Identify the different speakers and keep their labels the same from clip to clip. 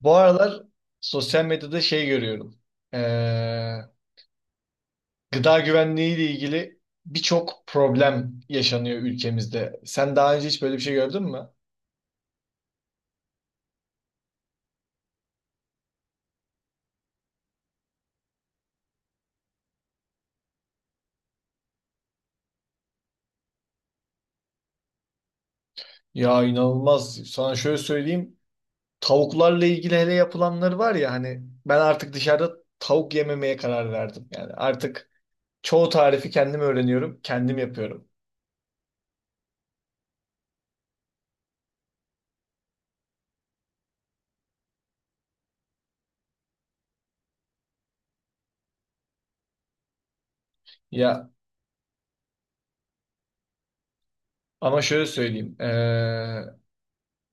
Speaker 1: Bu aralar sosyal medyada şey görüyorum. Ee, gıda güvenliği ile ilgili birçok problem yaşanıyor ülkemizde. Sen daha önce hiç böyle bir şey gördün mü? Ya inanılmaz. Sana şöyle söyleyeyim. Tavuklarla ilgili hele yapılanları var ya hani ben artık dışarıda tavuk yememeye karar verdim. Yani artık çoğu tarifi kendim öğreniyorum, kendim yapıyorum. Ya ama şöyle söyleyeyim.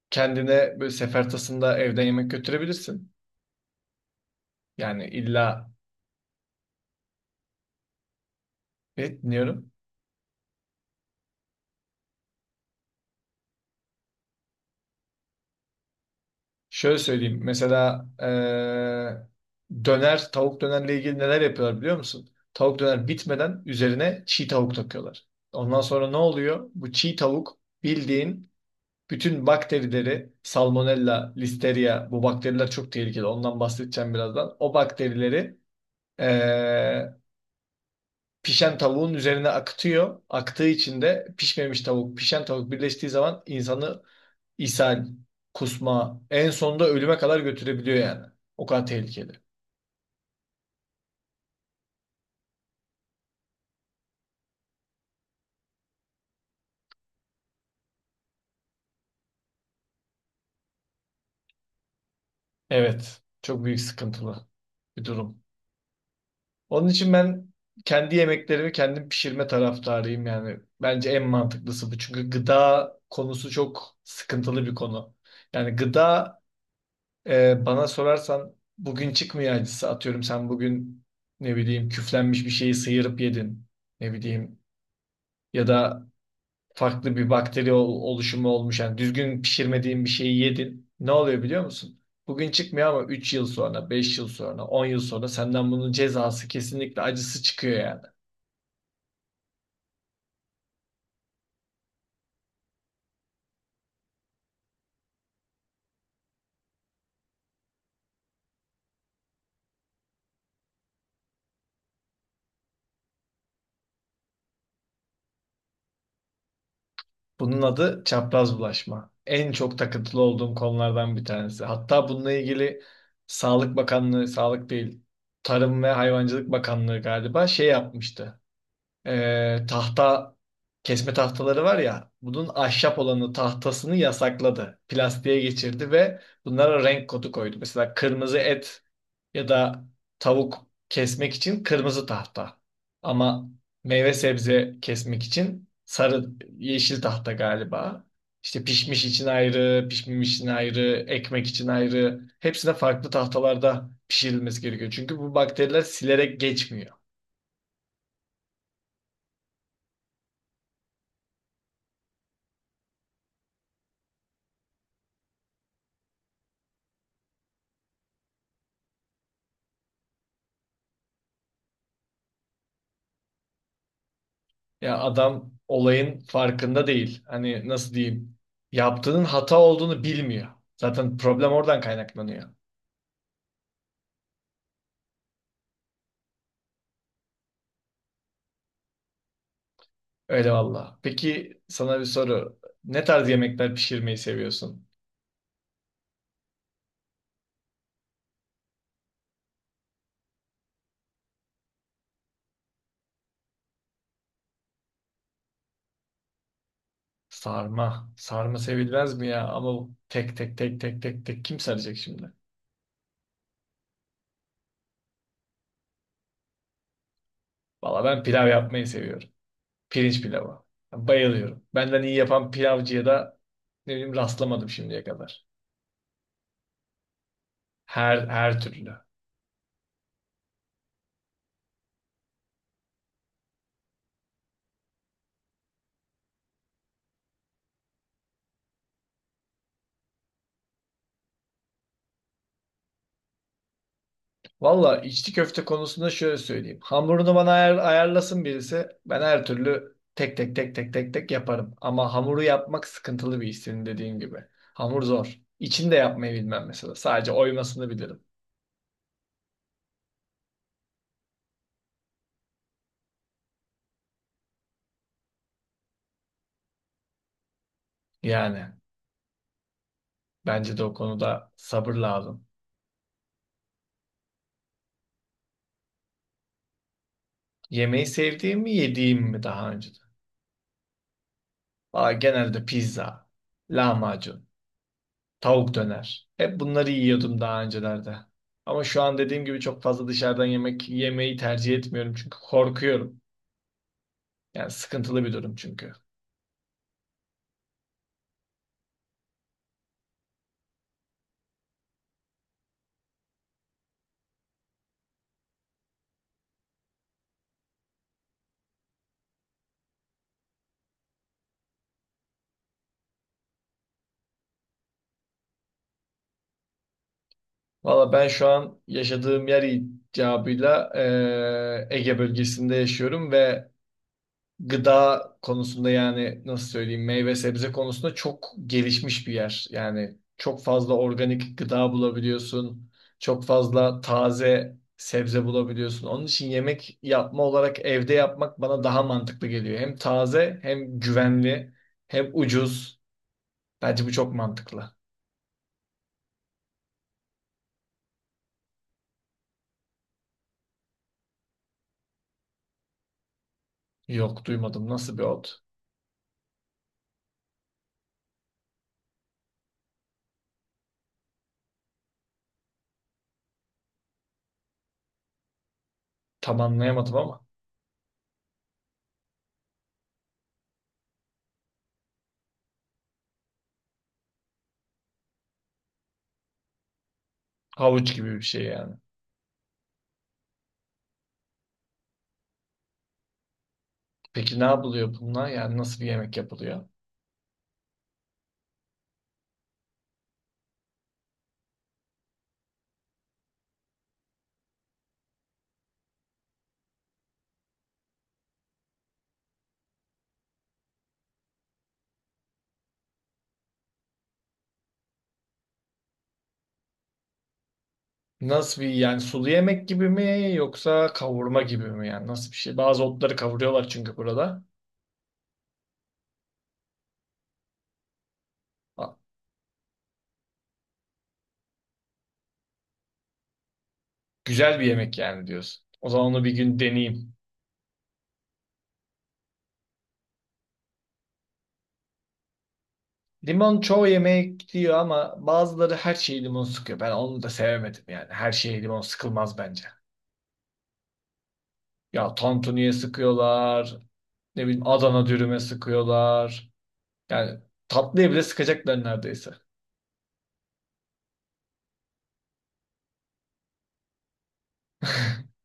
Speaker 1: Kendine böyle sefer tasında evden yemek götürebilirsin. Yani illa ne dinliyorum. Şöyle söyleyeyim. Mesela döner, tavuk dönerle ilgili neler yapıyorlar biliyor musun? Tavuk döner bitmeden üzerine çiğ tavuk takıyorlar. Ondan sonra ne oluyor? Bu çiğ tavuk bildiğin bütün bakterileri, salmonella, listeria, bu bakteriler çok tehlikeli. Ondan bahsedeceğim birazdan. O bakterileri eee, pişen tavuğun üzerine akıtıyor. Aktığı için de pişmemiş tavuk, pişen tavuk birleştiği zaman insanı ishal, kusma en sonunda ölüme kadar götürebiliyor yani. O kadar tehlikeli. Evet. Çok büyük sıkıntılı bir durum. Onun için ben kendi yemeklerimi kendim pişirme taraftarıyım yani. Bence en mantıklısı bu. Çünkü gıda konusu çok sıkıntılı bir konu. Yani gıda. Bana sorarsan bugün çıkmıyor acısı. Atıyorum sen bugün ne bileyim küflenmiş bir şeyi sıyırıp yedin. Ne bileyim ya da farklı bir bakteri oluşumu olmuş. Yani düzgün pişirmediğin bir şeyi yedin. Ne oluyor biliyor musun? Bugün çıkmıyor ama 3 yıl sonra, 5 yıl sonra, 10 yıl sonra senden bunun cezası kesinlikle acısı çıkıyor yani. Bunun adı çapraz bulaşma. En çok takıntılı olduğum konulardan bir tanesi. Hatta bununla ilgili Sağlık Bakanlığı, Sağlık değil, Tarım ve Hayvancılık Bakanlığı galiba şey yapmıştı. Tahta, kesme tahtaları var ya bunun ahşap olanı tahtasını yasakladı. Plastiğe geçirdi ve bunlara renk kodu koydu. Mesela kırmızı et ya da tavuk kesmek için kırmızı tahta. Ama meyve sebze kesmek için sarı yeşil tahta galiba. İşte pişmiş için ayrı, pişmemiş için ayrı, ekmek için ayrı. Hepsine farklı tahtalarda pişirilmesi gerekiyor. Çünkü bu bakteriler silerek geçmiyor. Ya adam olayın farkında değil. Hani nasıl diyeyim? Yaptığının hata olduğunu bilmiyor. Zaten problem oradan kaynaklanıyor. Öyle valla. Peki sana bir soru. Ne tarz yemekler pişirmeyi seviyorsun? Sarma. Sarma sevilmez mi ya? Ama tek tek tek tek tek tek kim saracak şimdi? Valla ben pilav yapmayı seviyorum. Pirinç pilavı. Bayılıyorum. Benden iyi yapan pilavcıya da ne bileyim rastlamadım şimdiye kadar. Her türlü. Valla içli köfte konusunda şöyle söyleyeyim. Hamurunu bana ayarlasın birisi. Ben her türlü tek tek tek tek tek tek yaparım. Ama hamuru yapmak sıkıntılı bir iş senin dediğin gibi. Hamur zor. İçini de yapmayı bilmem mesela. Sadece oymasını bilirim. Yani bence de o konuda sabır lazım. Yemeği sevdiğim mi yediğim mi daha önce? Valla genelde pizza, lahmacun, tavuk döner. Hep bunları yiyordum daha öncelerde. Ama şu an dediğim gibi çok fazla dışarıdan yemek yemeyi tercih etmiyorum çünkü korkuyorum. Yani sıkıntılı bir durum çünkü. Valla ben şu an yaşadığım yer icabıyla Ege bölgesinde yaşıyorum ve gıda konusunda yani nasıl söyleyeyim meyve sebze konusunda çok gelişmiş bir yer. Yani çok fazla organik gıda bulabiliyorsun. Çok fazla taze sebze bulabiliyorsun. Onun için yemek yapma olarak evde yapmak bana daha mantıklı geliyor. Hem taze hem güvenli hem ucuz. Bence bu çok mantıklı. Yok duymadım. Nasıl bir ot? Tam anlayamadım ama havuç gibi bir şey yani. Peki ne yapılıyor bununla? Yani nasıl bir yemek yapılıyor? Nasıl bir yani sulu yemek gibi mi yoksa kavurma gibi mi yani nasıl bir şey? Bazı otları kavuruyorlar çünkü burada. Ha, güzel bir yemek yani diyorsun. O zaman onu bir gün deneyeyim. Limon çoğu yemek diyor ama bazıları her şeyi limon sıkıyor. Ben onu da sevemedim yani. Her şeye limon sıkılmaz bence. Ya tantuniye sıkıyorlar. Ne bileyim Adana dürüme sıkıyorlar. Yani tatlıya bile sıkacaklar neredeyse.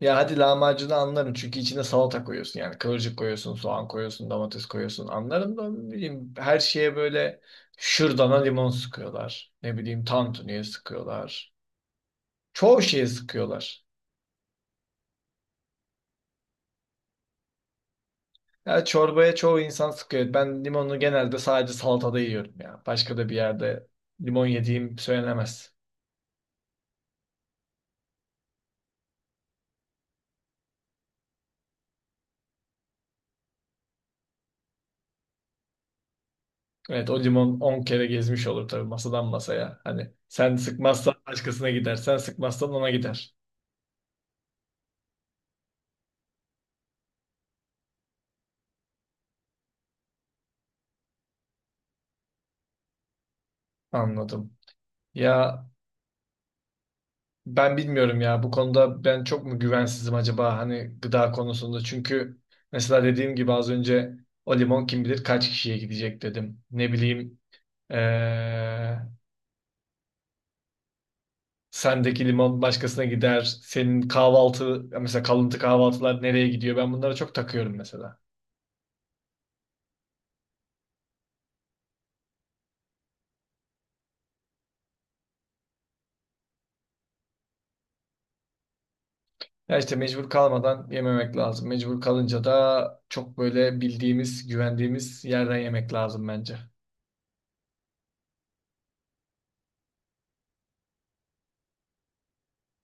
Speaker 1: Ya hadi lahmacunu anlarım çünkü içine salata koyuyorsun yani kıvırcık koyuyorsun, soğan koyuyorsun, domates koyuyorsun anlarım da ne bileyim her şeye böyle şırdana limon sıkıyorlar. Ne bileyim tantuniye sıkıyorlar. Çoğu şeye sıkıyorlar. Ya çorbaya çoğu insan sıkıyor. Ben limonu genelde sadece salatada yiyorum ya. Başka da bir yerde limon yediğim söylenemez. Evet o limon 10 kere gezmiş olur tabii masadan masaya. Hani sen sıkmazsan başkasına gider, sen sıkmazsan ona gider. Anladım. Ya ben bilmiyorum ya bu konuda ben çok mu güvensizim acaba hani gıda konusunda. Çünkü mesela dediğim gibi az önce o limon kim bilir kaç kişiye gidecek dedim. Ne bileyim eee, sendeki limon başkasına gider. Senin kahvaltı mesela kalıntı kahvaltılar nereye gidiyor? Ben bunlara çok takıyorum mesela. Ya işte mecbur kalmadan yememek lazım. Mecbur kalınca da çok böyle bildiğimiz, güvendiğimiz yerden yemek lazım bence.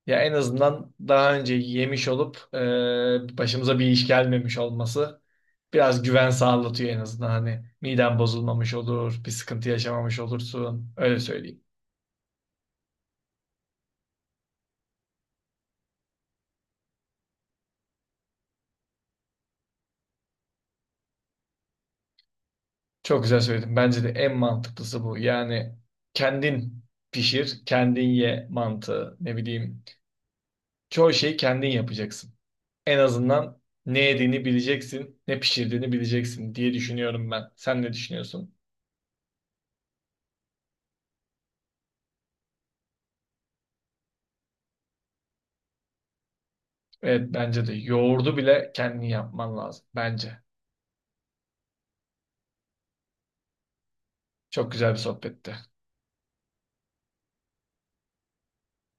Speaker 1: Ya en azından daha önce yemiş olup başımıza bir iş gelmemiş olması biraz güven sağlatıyor en azından. Hani miden bozulmamış olur, bir sıkıntı yaşamamış olursun. Öyle söyleyeyim. Çok güzel söyledim. Bence de en mantıklısı bu. Yani kendin pişir, kendin ye mantığı. Ne bileyim. Çoğu şeyi kendin yapacaksın. En azından ne yediğini bileceksin, ne pişirdiğini bileceksin diye düşünüyorum ben. Sen ne düşünüyorsun? Evet bence de yoğurdu bile kendin yapman lazım bence. Çok güzel bir sohbetti.